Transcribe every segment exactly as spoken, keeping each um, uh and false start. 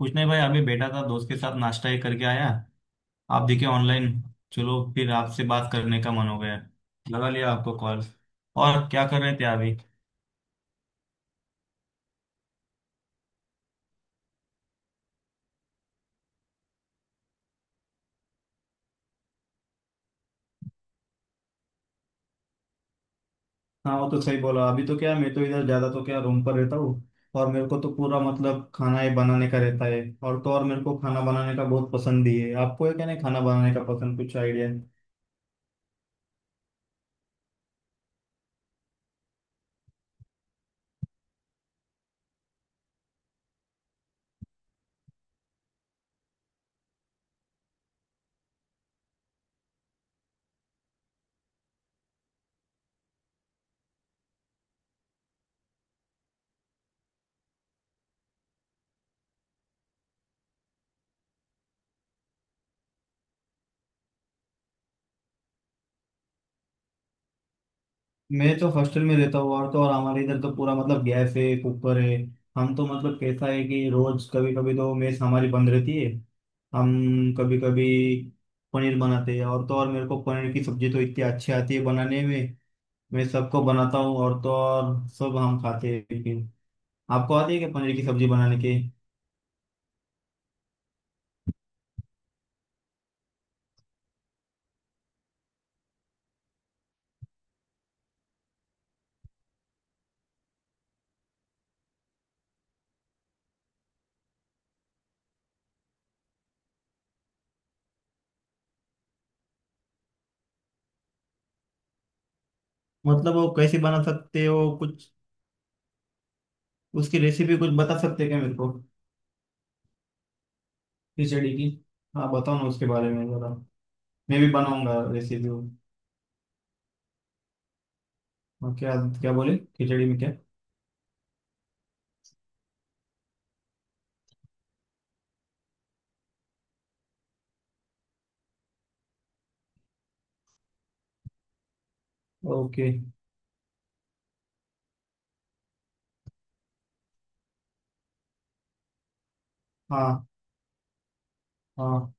कुछ नहीं भाई। अभी बैठा था, दोस्त के साथ नाश्ता ही करके आया। आप देखे ऑनलाइन, चलो फिर आपसे बात करने का मन हो गया, लगा लिया आपको कॉल। और क्या कर रहे थे अभी? हाँ वो तो सही बोला। अभी तो क्या, मैं तो इधर ज्यादा तो क्या रूम पर रहता हूँ। और मेरे को तो पूरा मतलब खाना ही बनाने का रहता है, और तो और मेरे को खाना बनाने का बहुत पसंद भी है। आपको है क्या नहीं खाना बनाने का पसंद? कुछ आइडिया। मैं तो हॉस्टल में रहता हूँ, और तो और हमारे इधर तो पूरा मतलब गैस है, कुकर है। हम तो मतलब कैसा है कि रोज कभी कभी तो मेस हमारी बंद रहती है। हम कभी कभी पनीर बनाते हैं, और तो और मेरे को पनीर की सब्जी तो इतनी अच्छी आती है बनाने में। मैं सबको बनाता हूँ और तो और सब हम खाते हैं। लेकिन आपको आती है क्या पनीर की सब्जी बनाने के? मतलब वो कैसे बना सकते हो कुछ? उसकी रेसिपी कुछ बता सकते हैं क्या मेरे को? खिचड़ी की। हाँ बताओ ना उसके बारे में जरा, मैं भी बनाऊंगा रेसिपी। और क्या, क्या बोले? खिचड़ी में क्या? ओके। हाँ हाँ।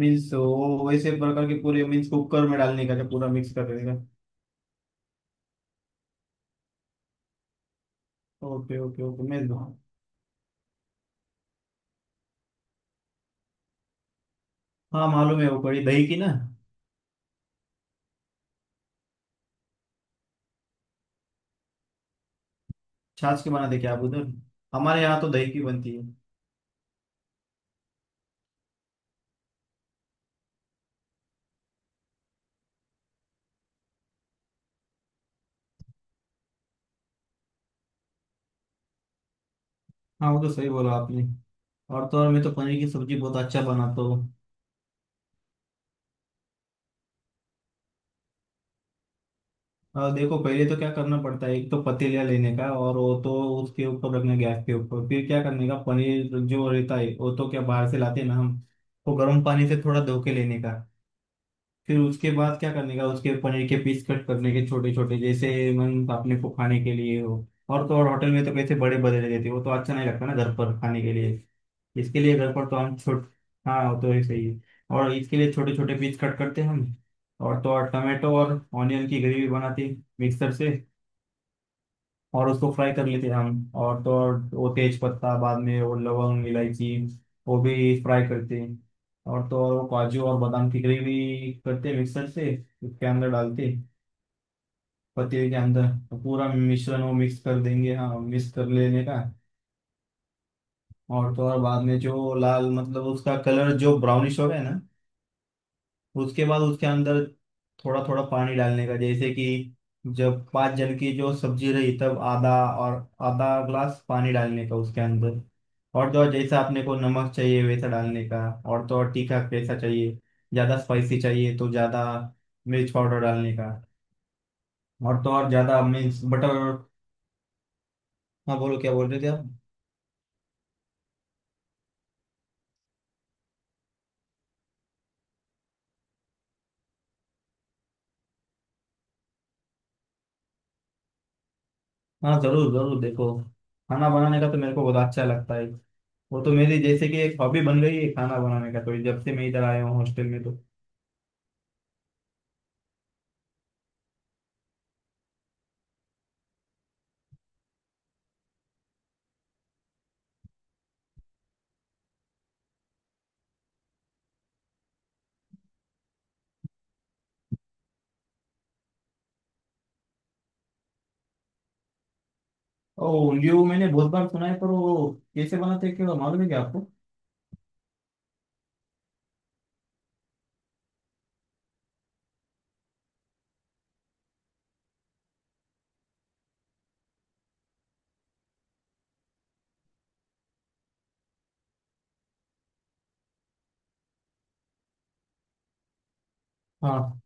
मीन्स वो वैसे प्रकार के पूरे, मीन्स कुकर में डालने का, जो पूरा मिक्स कर देने का। Okay okay okay. मैं। हाँ मालूम है, वो कड़ी दही की ना? छाछ के बनाते क्या आप उधर? हमारे यहाँ तो दही की बनती है। हाँ वो तो सही बोला आपने। और तो और मैं तो पनीर की सब्जी बहुत अच्छा बनाता हूँ। और देखो, पहले तो क्या करना पड़ता है, एक तो पतीला लेने का, और वो तो उसके ऊपर रखना गैस के ऊपर। फिर क्या करने का, पनीर जो रहता है वो तो क्या बाहर से लाते हैं ना हम, वो गर्म पानी से थोड़ा धो के लेने का। फिर उसके बाद क्या करने का, उसके पनीर के पीस कट करने के छोटे छोटे, जैसे मन अपने को खाने के लिए हो। और तो और होटल में तो कैसे बड़े बड़े देते हैं, वो तो अच्छा नहीं लगता ना घर पर खाने के लिए। इसके लिए घर पर तो हम छोट हाँ वो तो ऐसे ही है। और इसके लिए छोटे छोटे पीस कट करते हैं हम। और तो और टमाटो और ऑनियन की ग्रेवी बनाते हैं मिक्सर से, और उसको फ्राई कर लेते हैं हम। और तो और वो तेज पत्ता, बाद में वो लवंग इलायची वो भी फ्राई करते हैं। और तो और वो काजू और बादाम की ग्रेवी करते हैं मिक्सर से, उसके अंदर डालते हैं, पतीले के अंदर। तो पूरा मिश्रण वो मिक्स कर देंगे, हाँ मिक्स कर लेने का। और तो और बाद में जो लाल, मतलब उसका कलर जो ब्राउनिश हो गया ना, उसके बाद उसके अंदर थोड़ा थोड़ा पानी डालने का। जैसे कि जब पाँच जन की जो सब्जी रही तब आधा, और आधा ग्लास पानी डालने का उसके अंदर। और तो और जैसा आपने को नमक चाहिए वैसा डालने का। और तो और तीखा कैसा चाहिए, ज़्यादा स्पाइसी चाहिए तो ज़्यादा मिर्च पाउडर डालने का। और तो और ज़्यादा मिर्च बटर। हाँ बोलो, क्या बोल रहे थे आप? हाँ ज़रूर ज़रूर देखो, खाना बनाने का तो मेरे को बहुत अच्छा लगता है। वो तो मेरी जैसे कि एक हॉबी बन गई है खाना बनाने का, तो जब से मैं इधर आया हूँ हॉस्टल में तो। ओ उंगलियों मैंने बहुत बार सुना है, पर वो कैसे बनाते हैं क्या मालूम है क्या आपको? हाँ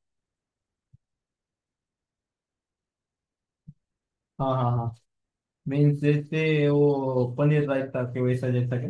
हाँ हाँ। हाँ मीन्स जैसे वो पनीर रायता के वैसा जैसा क्या?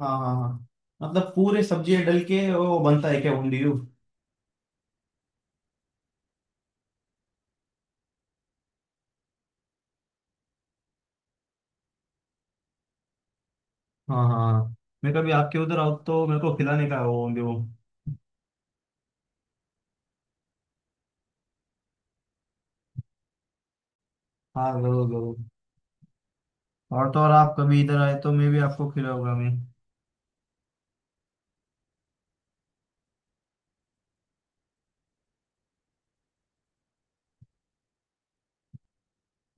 हाँ हाँ हाँ। मतलब पूरे सब्जियां डल के वो बनता है क्या उंगलियों? हाँ हाँ। मैं कभी आपके उधर आऊँ तो मेरे को खिलाने का है वो उंगलियों। हाँ जरूर जरूर। और तो और आप कभी इधर आए तो मैं भी आपको खिलाऊंगा मैं।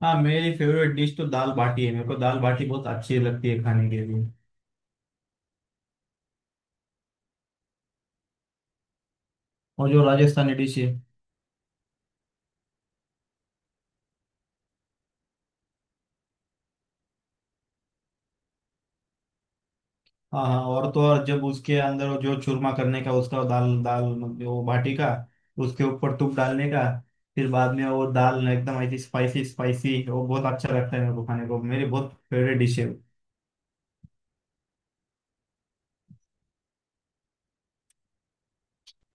हाँ मेरी फेवरेट डिश तो दाल बाटी है, मेरे को दाल बाटी बहुत अच्छी लगती है खाने के लिए। और जो राजस्थानी डिश है। हाँ हाँ, और तो और जब उसके अंदर वो जो चूरमा करने का, उसका दाल, दाल मतलब वो बाटी का उसके ऊपर तुप डालने का, फिर बाद में वो दाल एकदम ऐसी स्पाइसी स्पाइसी, वो बहुत अच्छा लगता है मेरे को खाने को, मेरी बहुत फेवरेट डिश है।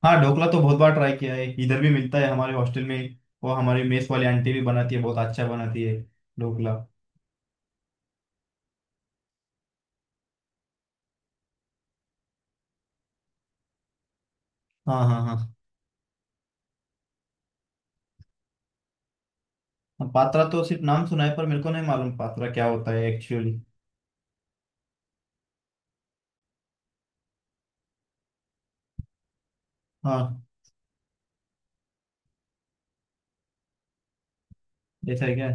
हाँ ढोकला तो बहुत बार ट्राई किया है, इधर भी मिलता है हमारे हॉस्टल में। वो हमारी मेस वाली आंटी भी बनाती है, बहुत अच्छा बनाती है ढोकला। हाँ हाँ हाँ। पात्रा तो सिर्फ नाम सुना है, पर मेरे को नहीं मालूम पात्रा क्या होता है एक्चुअली। हाँ जैसा है क्या?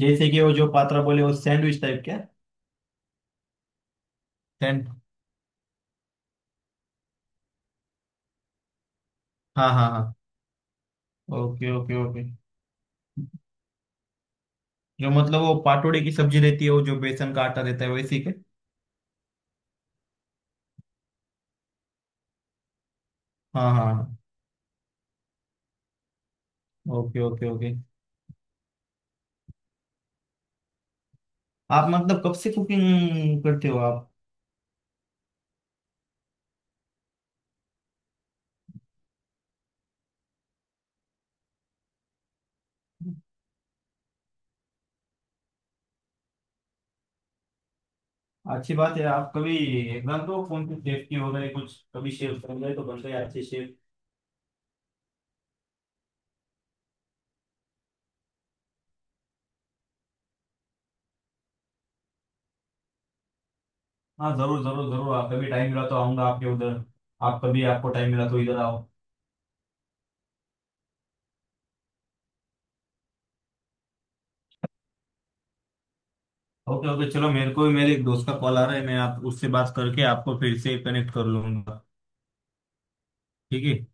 जैसे कि वो जो पात्रा बोले, वो सैंडविच टाइप क्या सैंड हाँ हाँ हाँ। Okay okay okay. जो मतलब वो पाटोड़े की सब्जी रहती है, वो जो बेसन का आटा रहता है, वैसी के? हाँ हाँ हाँ। Okay okay okay. आप मतलब कब से कुकिंग करते हो आप? अच्छी बात है। आप कभी एग्जाम दो कौन सी शेफ की, हो गए कुछ कभी शेफ बन गए तो बन गए अच्छे शेफ। हाँ जरूर जरूर जरूर, आप कभी टाइम मिला तो आऊंगा आपके उधर, आप कभी आपको टाइम मिला तो इधर आओ। Okay okay. चलो, मेरे को भी मेरे एक दोस्त का कॉल आ रहा है, मैं आप उससे बात करके आपको फिर से कनेक्ट कर लूंगा। ठीक है।